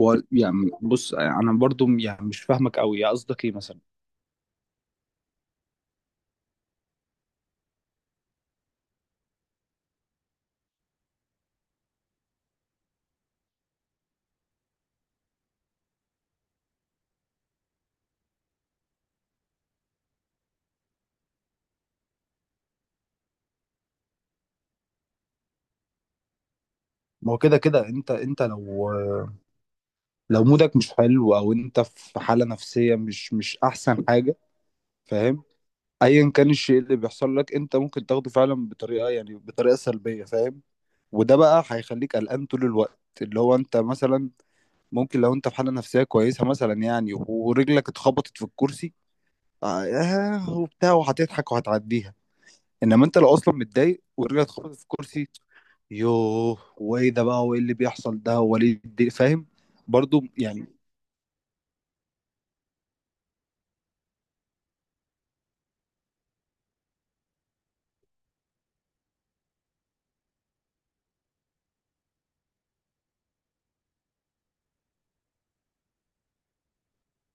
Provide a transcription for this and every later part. هو يعني بص، انا برضو يعني مش فاهمك قوي. يا قصدك ايه مثلا؟ ما هو كده كده انت لو مودك مش حلو، او انت في حالة نفسية مش احسن حاجة، فاهم؟ ايا كان الشيء اللي بيحصل لك، انت ممكن تاخده فعلا بطريقة سلبية، فاهم؟ وده بقى هيخليك قلقان طول الوقت، اللي هو انت مثلا ممكن لو انت في حالة نفسية كويسة مثلا، يعني ورجلك اتخبطت في الكرسي، وبتاع، وهتضحك وهتعديها. انما انت لو اصلا متضايق ورجعت خبطت في الكرسي، يوه وايه ده بقى، وايه اللي بيحصل ده، وليه فاهم؟ برضو يعني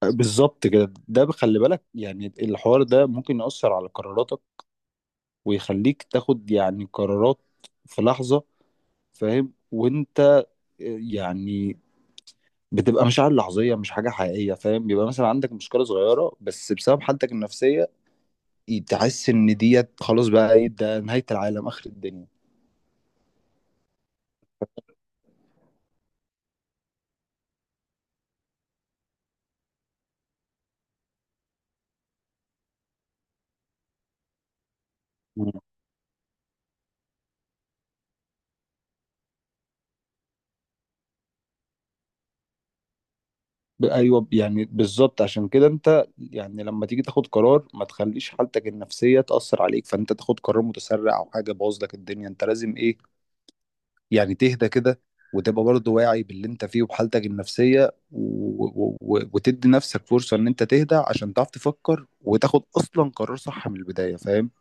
بالظبط كده. ده بخلي بالك، يعني الحوار ده ممكن يأثر على قراراتك، ويخليك تاخد يعني قرارات في لحظة، فاهم؟ وانت يعني بتبقى مشاعر لحظية، مش حاجة حقيقية، فاهم؟ بيبقى مثلا عندك مشكلة صغيرة بس، بسبب حالتك النفسية تحس ان ديت خلاص، بقى ايه ده، نهاية العالم آخر الدنيا. ايوه، يعني بالظبط. عشان كده انت يعني لما تيجي تاخد قرار، ما تخليش حالتك النفسيه تاثر عليك، فانت تاخد قرار متسرع او حاجه باظ لك الدنيا. انت لازم ايه يعني؟ تهدى كده، وتبقى برضه واعي باللي انت فيه وبحالتك النفسيه، وتدي نفسك فرصه ان انت تهدى، عشان تعرف تفكر وتاخد اصلا قرار صح من البدايه، فاهم؟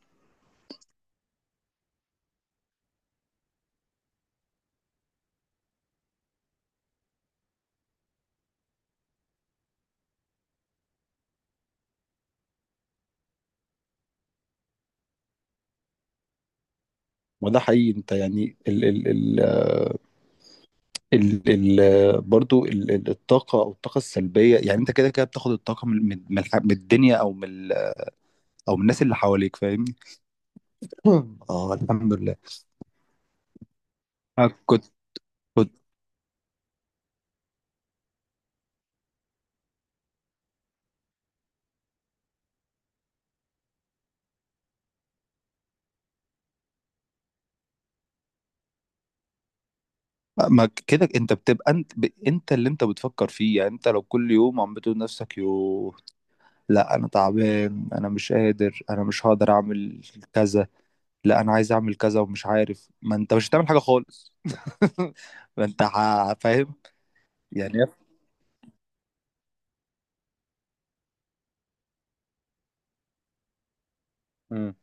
وده حقيقي. انت يعني ال ال ال آه، ال ال برضه ال... ال- الطاقه، او الطاقه السلبيه. يعني انت كده كده بتاخد الطاقه من الدنيا، او من او من الناس اللي حواليك، فاهمني؟ اه، الحمد لله. أنا كنت ما كده، انت بتبقى انت، اللي انت بتفكر فيه. يعني انت لو كل يوم عم بتقول لنفسك، يو لا انا تعبان، انا مش قادر، انا مش هقدر اعمل كذا، لا انا عايز اعمل كذا ومش عارف، ما انت مش هتعمل حاجه خالص. ما انت فاهم؟ يعني مم.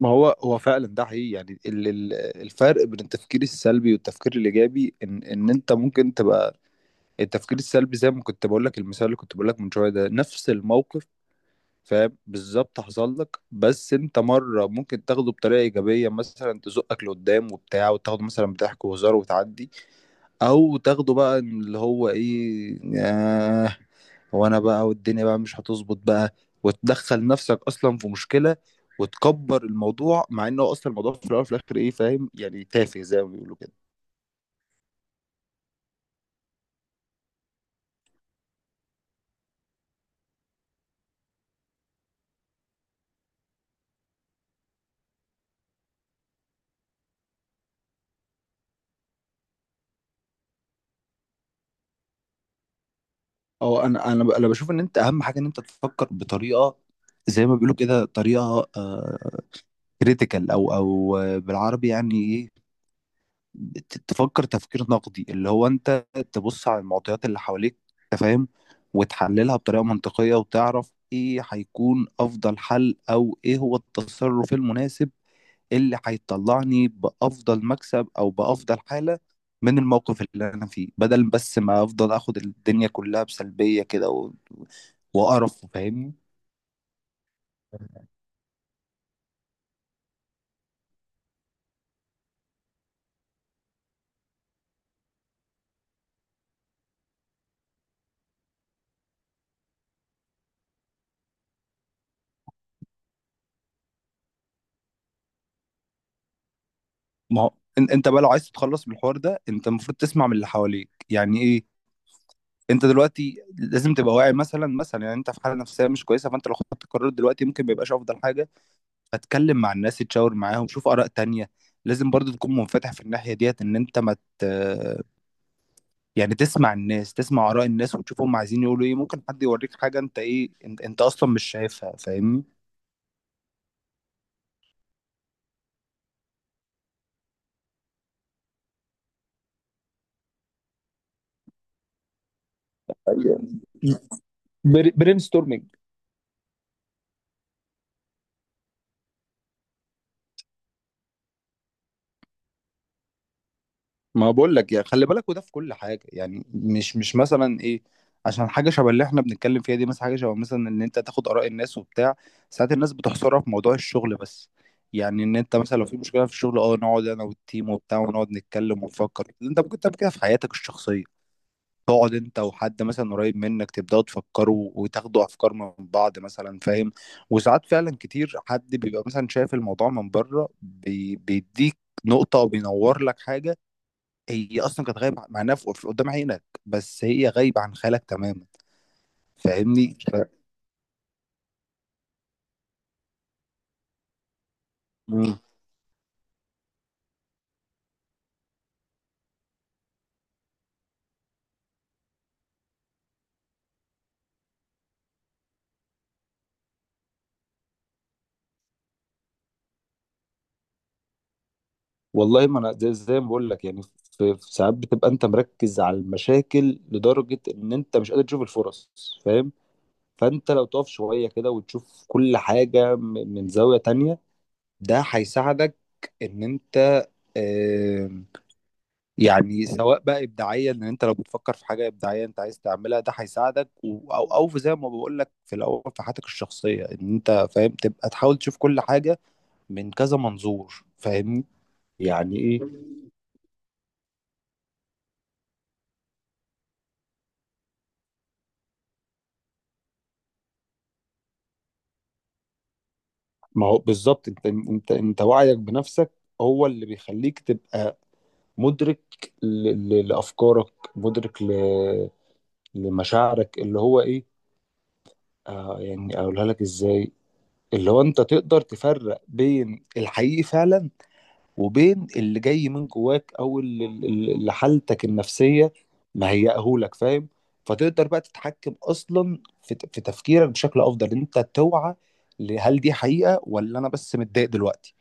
ما هو فعلا ده حقيقي. يعني الفرق بين التفكير السلبي والتفكير الايجابي، ان انت ممكن تبقى التفكير السلبي، زي ما كنت بقول لك المثال اللي كنت بقول لك من شويه، ده نفس الموقف فاهم؟ بالظبط حصل لك، بس انت مره ممكن تاخده بطريقه ايجابيه، مثلا تزقك لقدام وبتاع، وتاخده مثلا بضحك وهزار وتعدي، او تاخده بقى إن اللي هو ايه، آه وانا بقى والدنيا بقى مش هتظبط بقى، وتدخل نفسك اصلا في مشكله وتكبر الموضوع، مع انه اصلا الموضوع في الاول وفي الاخر ايه فاهم؟ يعني تافه، زي ما بيقولوا كده. اه، انا بشوف ان انت اهم حاجه، ان انت تفكر بطريقه زي ما بيقولوا كده، طريقه كريتيكال، او او آه، بالعربي يعني ايه؟ تفكر تفكير نقدي، اللي هو انت تبص على المعطيات اللي حواليك، انت فاهم، وتحللها بطريقه منطقيه، وتعرف ايه هيكون افضل حل، او ايه هو التصرف المناسب اللي هيطلعني بافضل مكسب او بافضل حاله من الموقف اللي انا فيه، بدل بس ما افضل اخد الدنيا كلها بسلبيه كده وقرف. فاهمني؟ ما هو انت بقى لو عايز تتخلص من الحوار ده، انت المفروض تسمع من اللي حواليك، يعني ايه؟ انت دلوقتي لازم تبقى واعي. مثلا مثلا يعني انت في حاله نفسيه مش كويسه، فانت لو خدت قرار دلوقتي ممكن ما يبقاش افضل حاجه. فتكلم مع الناس، تشاور معاهم، شوف اراء تانية. لازم برضو تكون منفتح في الناحيه ديت، ان انت ما مت... يعني تسمع الناس، تسمع اراء الناس، وتشوف هم عايزين يقولوا ايه. ممكن حد يوريك حاجه انت ايه، انت اصلا مش شايفها، فاهمني؟ ايوه، برين ستورمنج. ما بقول لك، يا خلي بالك، وده في كل حاجه. يعني مش مثلا ايه، عشان حاجه شبه اللي احنا بنتكلم فيها دي، مثلا حاجه شبه مثلا ان انت تاخد اراء الناس وبتاع، ساعات الناس بتحصرها في موضوع الشغل بس. يعني ان انت مثلا لو في مشكله في الشغل، اه نقعد انا والتيم وبتاع، ونقعد نتكلم ونفكر. انت ممكن تعمل كده في حياتك الشخصيه، تقعد انت وحد مثلا قريب منك، تبداوا تفكروا وتاخدوا افكار من بعض مثلا، فاهم؟ وساعات فعلا كتير حد بيبقى مثلا شايف الموضوع من بره، بيديك نقطه وبينور لك حاجه هي اصلا كانت غايبه. معناها قدام عينك، بس هي غايبه عن خيالك تماما، فاهمني؟ مم. والله، ما انا زي ما بقول لك، يعني في ساعات بتبقى انت مركز على المشاكل لدرجه ان انت مش قادر تشوف الفرص، فاهم؟ فانت لو تقف شويه كده وتشوف كل حاجه من زاويه تانية، ده هيساعدك ان انت يعني، سواء بقى ابداعيا ان انت لو بتفكر في حاجه ابداعيه انت عايز تعملها، ده هيساعدك، او في، زي ما بقول لك في الاول، في حياتك الشخصيه ان انت فاهم تبقى تحاول تشوف كل حاجه من كذا منظور، فاهمني؟ يعني ايه؟ ما هو بالظبط، انت وعيك بنفسك هو اللي بيخليك تبقى مدرك ل... لافكارك، مدرك لمشاعرك، اللي هو ايه، آه يعني اقولها لك ازاي، اللي هو انت تقدر تفرق بين الحقيقي فعلا، وبين اللي جاي من جواك، او اللي حالتك النفسيه مهيئهولك، فاهم؟ فتقدر بقى تتحكم اصلا في تفكيرك بشكل افضل، إن انت توعى، هل دي حقيقه ولا انا بس متضايق دلوقتي؟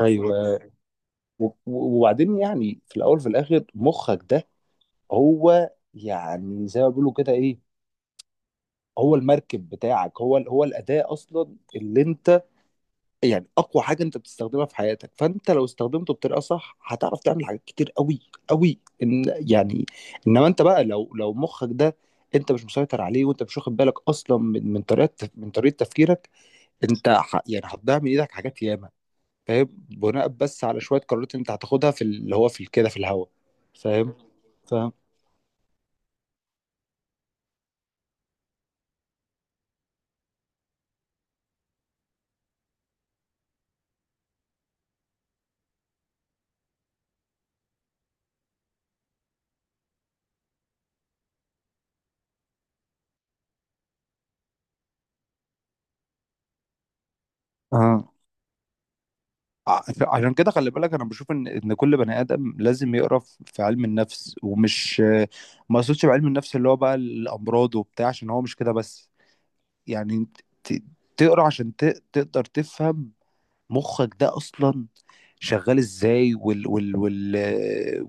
ايوه. وبعدين يعني في الاول وفي الاخر، مخك ده هو يعني زي ما بيقولوا كده ايه، هو المركب بتاعك، هو هو الاداه اصلا اللي انت يعني اقوى حاجه انت بتستخدمها في حياتك. فانت لو استخدمته بطريقه صح، هتعرف تعمل حاجات كتير قوي قوي، إن يعني، انما انت بقى لو مخك ده انت مش مسيطر عليه، وانت مش واخد بالك اصلا من من طريقه تفكيرك، انت يعني هتضيع من ايدك حاجات ياما، فاهم؟ بناء بس على شويه قرارات انت هتاخدها في اللي هو في كده في الهوا، فاهم؟ فاهم. اه، عشان كده خلي بالك، انا بشوف ان كل بني ادم لازم يقرا في علم النفس. ومش ما يقصدش بعلم النفس اللي هو بقى الامراض وبتاع، عشان هو مش كده بس، يعني ت- تقرا عشان تقدر تفهم مخك ده اصلا شغال ازاي، وال وال وال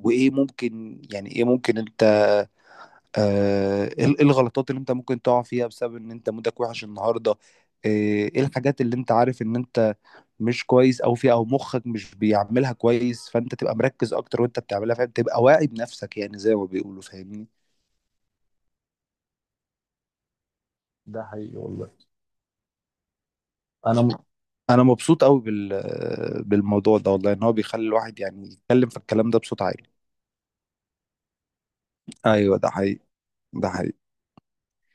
وايه ممكن يعني ايه ممكن انت، ايه الغلطات اللي انت ممكن تقع فيها بسبب ان انت مودك وحش النهارده، آه، ايه الحاجات اللي انت عارف ان انت مش كويس او فيها او مخك مش بيعملها كويس، فانت تبقى مركز اكتر وانت بتعملها، فاهم؟ تبقى واعي بنفسك يعني، زي ما بيقولوا، فاهمني؟ ده حقيقي، والله. انا م- انا مبسوط قوي بالموضوع ده، والله، ان هو بيخلي الواحد يعني يتكلم في الكلام ده بصوت عالي. ايوه، ده حقيقي. ده حقيقي.